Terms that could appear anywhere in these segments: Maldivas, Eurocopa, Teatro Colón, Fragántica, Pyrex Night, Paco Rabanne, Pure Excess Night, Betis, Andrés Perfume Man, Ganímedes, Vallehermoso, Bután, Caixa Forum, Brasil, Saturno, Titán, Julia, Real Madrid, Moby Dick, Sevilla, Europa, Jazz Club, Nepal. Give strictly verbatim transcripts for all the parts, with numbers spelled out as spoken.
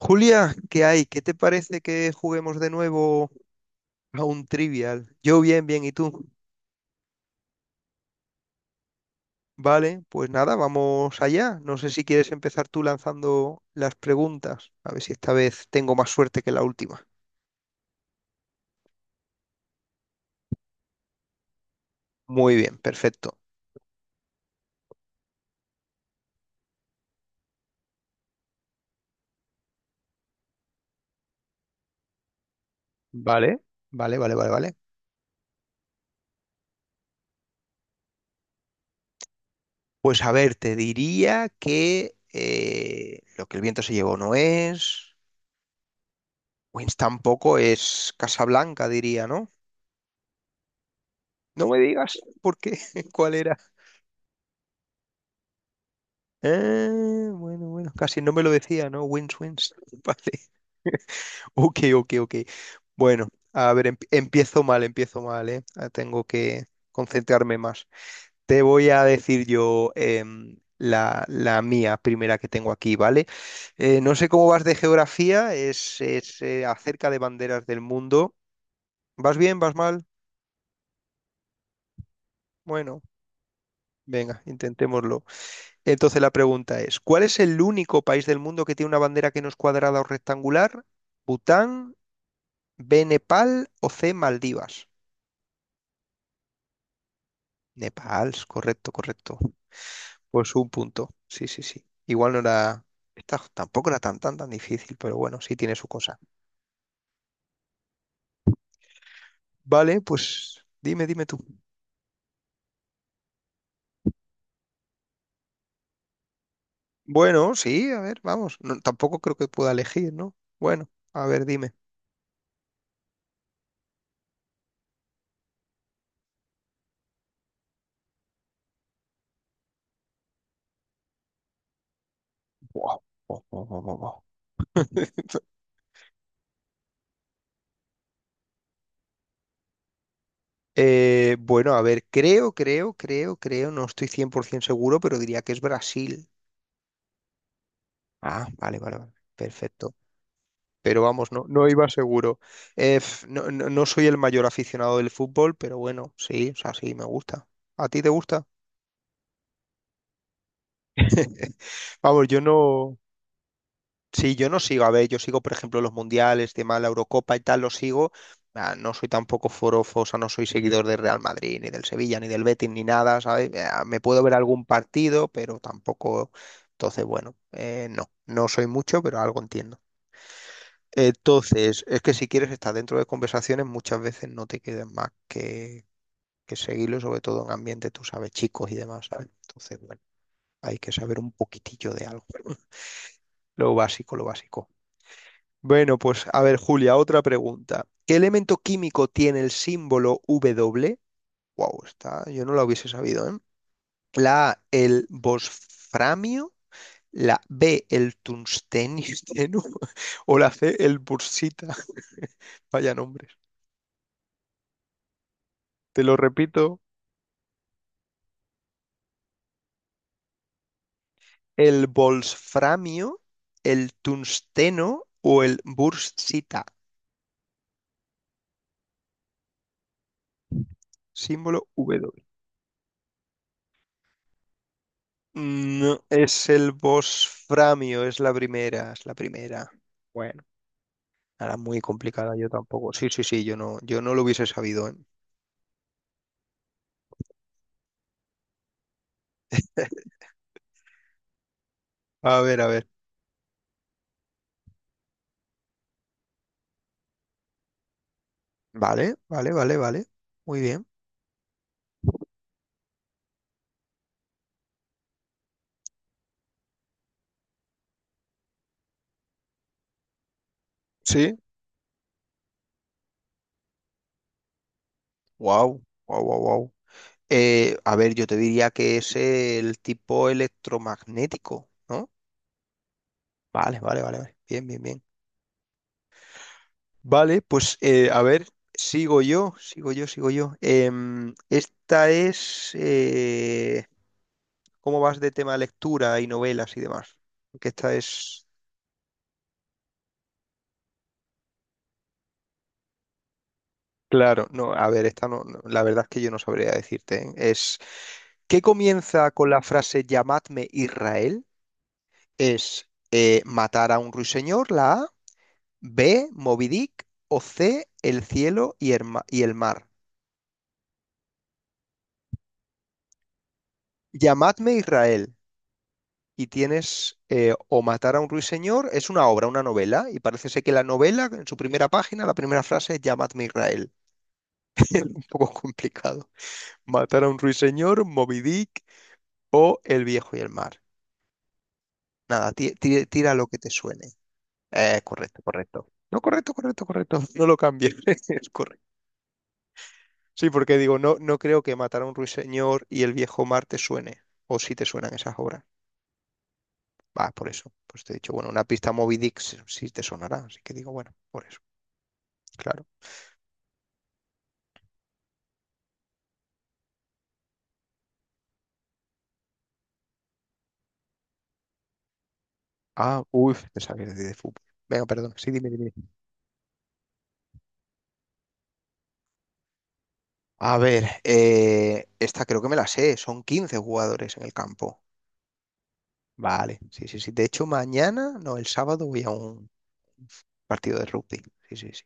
Julia, ¿qué hay? ¿Qué te parece que juguemos de nuevo a un trivial? Yo bien, bien, ¿y tú? Vale, pues nada, vamos allá. No sé si quieres empezar tú lanzando las preguntas. A ver si esta vez tengo más suerte que la última. Muy bien, perfecto. Vale, vale, vale, vale, vale. Pues a ver, te diría que eh, lo que el viento se llevó no es. Wins tampoco es Casablanca, diría, ¿no? No me digas por qué, cuál era. Eh, bueno, bueno, casi no me lo decía, ¿no? Wins, wins. Vale. Ok, ok, ok. Bueno, a ver, em- empiezo mal, empiezo mal, ¿eh? Ah, tengo que concentrarme más. Te voy a decir yo em, la, la mía primera que tengo aquí, ¿vale? Eh, no sé cómo vas de geografía, es, es, eh, acerca de banderas del mundo. ¿Vas bien? ¿Vas mal? Bueno, venga, intentémoslo. Entonces la pregunta es, ¿cuál es el único país del mundo que tiene una bandera que no es cuadrada o rectangular? ¿Bután, B, Nepal o C, Maldivas? Nepal, correcto, correcto. Pues un punto. Sí, sí, sí. Igual no era. Esta tampoco era tan, tan, tan difícil, pero bueno, sí tiene su cosa. Vale, pues dime, dime tú. Bueno, sí, a ver, vamos. No, tampoco creo que pueda elegir, ¿no? Bueno, a ver, dime. Buah, buah, buah, buah, buah, buah. Eh, bueno, a ver, creo, creo, creo, creo, no estoy cien por ciento seguro, pero diría que es Brasil. Ah, vale, vale, vale, perfecto. Pero vamos, no, no iba seguro. Eh, f- no, no- no soy el mayor aficionado del fútbol, pero bueno, sí, o sea, sí, me gusta. ¿A ti te gusta? Vamos, yo no. Sí, yo no sigo, a ver, yo sigo, por ejemplo, los mundiales, tema de la Eurocopa y tal, los sigo. Ah, no soy tampoco forofo, o sea, no soy seguidor del Real Madrid, ni del Sevilla, ni del Betis, ni nada, ¿sabes? Ah, me puedo ver algún partido, pero tampoco. Entonces, bueno, eh, no, no soy mucho, pero algo entiendo. Entonces, es que si quieres estar dentro de conversaciones, muchas veces no te quedan más que, que seguirlo, sobre todo en ambiente, tú sabes, chicos y demás, ¿sabes? Entonces, bueno, hay que saber un poquitillo de algo. Lo básico, lo básico. Bueno, pues a ver, Julia, otra pregunta. ¿Qué elemento químico tiene el símbolo W? Wow, está, yo no lo hubiese sabido, ¿eh? La A, el bosframio, la B, el tungstenio, o la C, el bursita. Vaya nombres. Te lo repito, el bolsframio, el tungsteno o el bursita, símbolo W. No, es el bosframio, es la primera, es la primera. Bueno. Era muy complicada, yo tampoco. Sí, sí, sí, yo no, yo no lo hubiese sabido, ¿eh? A ver, a ver. Vale, vale, vale, vale. Muy bien. Sí. Wow, wow, wow, wow. Eh, a ver, yo te diría que es el tipo electromagnético, ¿no? Vale, vale, vale, vale. Bien, bien, bien. Vale, pues eh, a ver, sigo yo, sigo yo, sigo yo. Em, esta es. Eh, ¿cómo vas de tema lectura y novelas y demás? Que esta es. Claro, no, a ver, esta no, no, la verdad es que yo no sabría decirte. ¿Eh? Es. ¿Qué comienza con la frase llamadme Israel? Es eh, matar a un ruiseñor, la A, B, Moby Dick, o C, el cielo y el, ma- y el mar. Llamadme Israel. Y tienes eh, o matar a un ruiseñor, es una obra, una novela, y parece ser que la novela, en su primera página, la primera frase es llamadme Israel. Un poco complicado. Matar a un ruiseñor, Moby Dick o el viejo y el mar. Nada, ti- ti- tira, lo que te suene. Eh, correcto, correcto. No, correcto, correcto, correcto. No lo cambies. Es correcto. Sí, porque digo, no, no creo que matar a un ruiseñor y el viejo mar te suene. O si te suenan esas obras. Va, por eso. Pues te he dicho, bueno, una pista Moby Dick sí sí te sonará. Así que digo, bueno, por eso. Claro. Ah, uy, te sabías de fútbol. Venga, perdón. Sí, dime, dime. A ver, eh, esta creo que me la sé. Son quince jugadores en el campo. Vale, sí, sí, sí. De hecho, mañana, no, el sábado voy a un partido de rugby. Sí, sí, sí.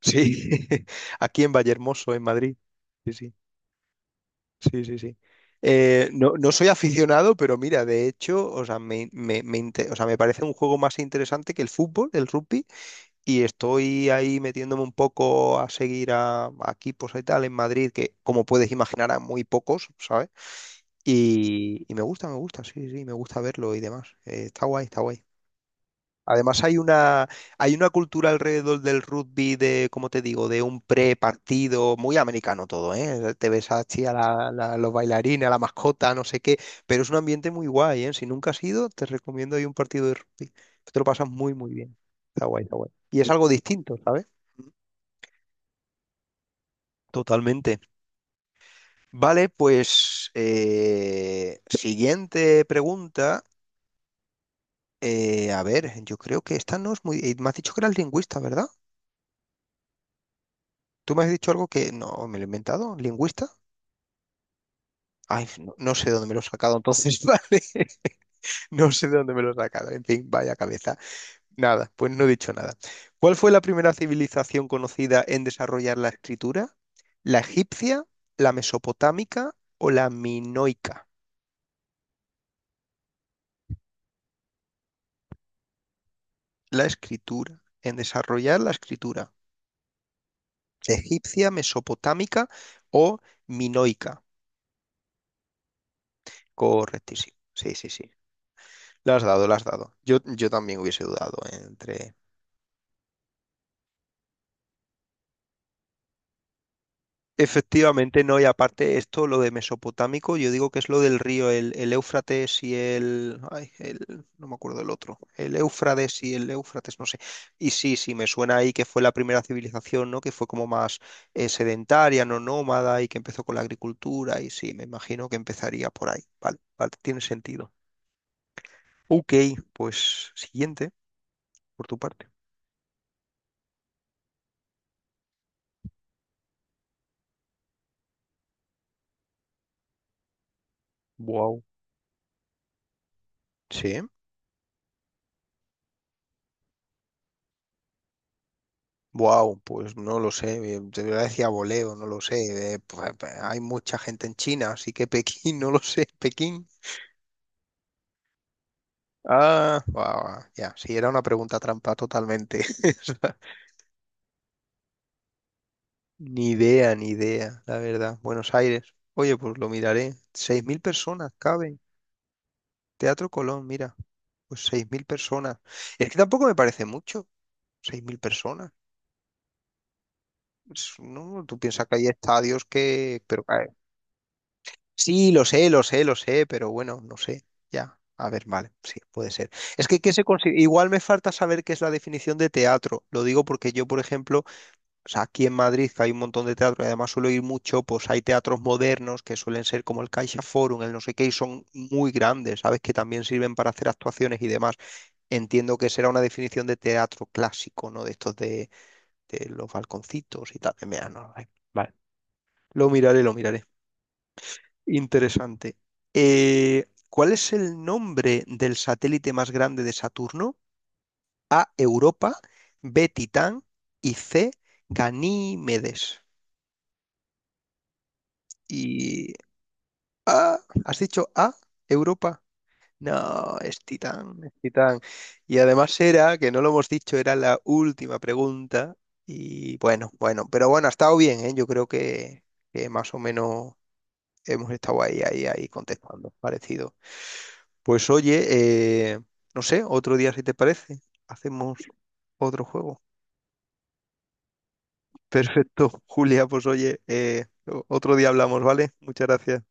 Sí, aquí en Vallehermoso, en Madrid. Sí, sí, sí, sí, sí. Eh, no, no soy aficionado, pero mira, de hecho, o sea, me, me, me inte- o sea, me parece un juego más interesante que el fútbol, el rugby, y estoy ahí metiéndome un poco a seguir a, a equipos y tal en Madrid, que como puedes imaginar, a muy pocos, ¿sabes? Y, y me gusta, me gusta, sí, sí, me gusta verlo y demás. Eh, está guay, está guay. Además hay una, hay una cultura alrededor del rugby de, como te digo, de un pre-partido, muy americano todo, ¿eh? Te ves así a la- la- los bailarines, a la mascota, no sé qué, pero es un ambiente muy guay, ¿eh? Si nunca has ido, te recomiendo ahí un partido de rugby. Te lo pasas muy, muy bien. Está guay, está guay. Y es algo distinto, ¿sabes? Totalmente. Vale, pues eh, siguiente pregunta. Eh, a ver, yo creo que esta no es muy... eh, Me has dicho que eras lingüista, ¿verdad? Tú me has dicho algo que no me lo he inventado, lingüista. Ay, no, no sé de dónde me lo he sacado entonces, vale. No sé de dónde me lo he sacado. En fin, vaya cabeza. Nada, pues no he dicho nada. ¿Cuál fue la primera civilización conocida en desarrollar la escritura? ¿La egipcia, la mesopotámica o la minoica? La escritura, en desarrollar la escritura. Egipcia, mesopotámica o minoica. Correctísimo. Sí, sí, sí. La has dado, la has dado. Yo, yo también hubiese dudado entre. Efectivamente, no, y aparte esto, lo de mesopotámico, yo digo que es lo del río, el, el Éufrates y el, ay, el- no me acuerdo el otro, el Éufrates y el Éufrates, no sé. Y sí, sí, me suena ahí que fue la primera civilización, ¿no? Que fue como más eh, sedentaria, no nómada, y que empezó con la agricultura, y sí, me imagino que empezaría por ahí. Vale, vale, tiene sentido. Ok, pues siguiente, por tu parte. Wow. Sí. Wow, pues no lo sé, eh, de decía voleo, no lo sé. eh, pues, eh, hay mucha gente en China, así que Pekín, no lo sé. Pekín. Ah, guau, ya, sí, era una pregunta trampa totalmente. O sea, ni idea, ni idea, la verdad. Buenos Aires. Oye, pues lo miraré. Seis mil personas caben. Teatro Colón, mira, pues seis mil personas. Es que tampoco me parece mucho, seis mil personas. Es- No, tú piensas que hay estadios que. Pero eh, sí, lo sé, lo sé, lo sé, pero bueno, no sé. Ya, a ver, vale, sí, puede ser. Es que ¿qué se consi- igual me falta saber qué es la definición de teatro. Lo digo porque yo, por ejemplo, o sea, aquí en Madrid que hay un montón de teatro y además suelo ir mucho, pues hay teatros modernos que suelen ser como el Caixa Forum, el no sé qué, y son muy grandes, ¿sabes? Que también sirven para hacer actuaciones y demás. Entiendo que será una definición de teatro clásico, ¿no? De estos de, de, los balconcitos y tal. Mira, no, vale, vale. Lo miraré, lo miraré. Interesante. Eh, ¿cuál es el nombre del satélite más grande de Saturno? A, Europa, B, Titán y C, Ganímedes. Y A, ¿has dicho A, Europa? No, es Titán, es Titán. Y además era, que no lo hemos dicho, era la última pregunta. Y bueno, bueno, pero bueno, ha estado bien, ¿eh? Yo creo que, que más o menos hemos estado ahí, ahí, ahí contestando, parecido. Pues oye, eh, no sé, otro día si te parece, hacemos otro juego. Perfecto, Julia, pues oye, eh, o- otro día hablamos, ¿vale? Muchas gracias.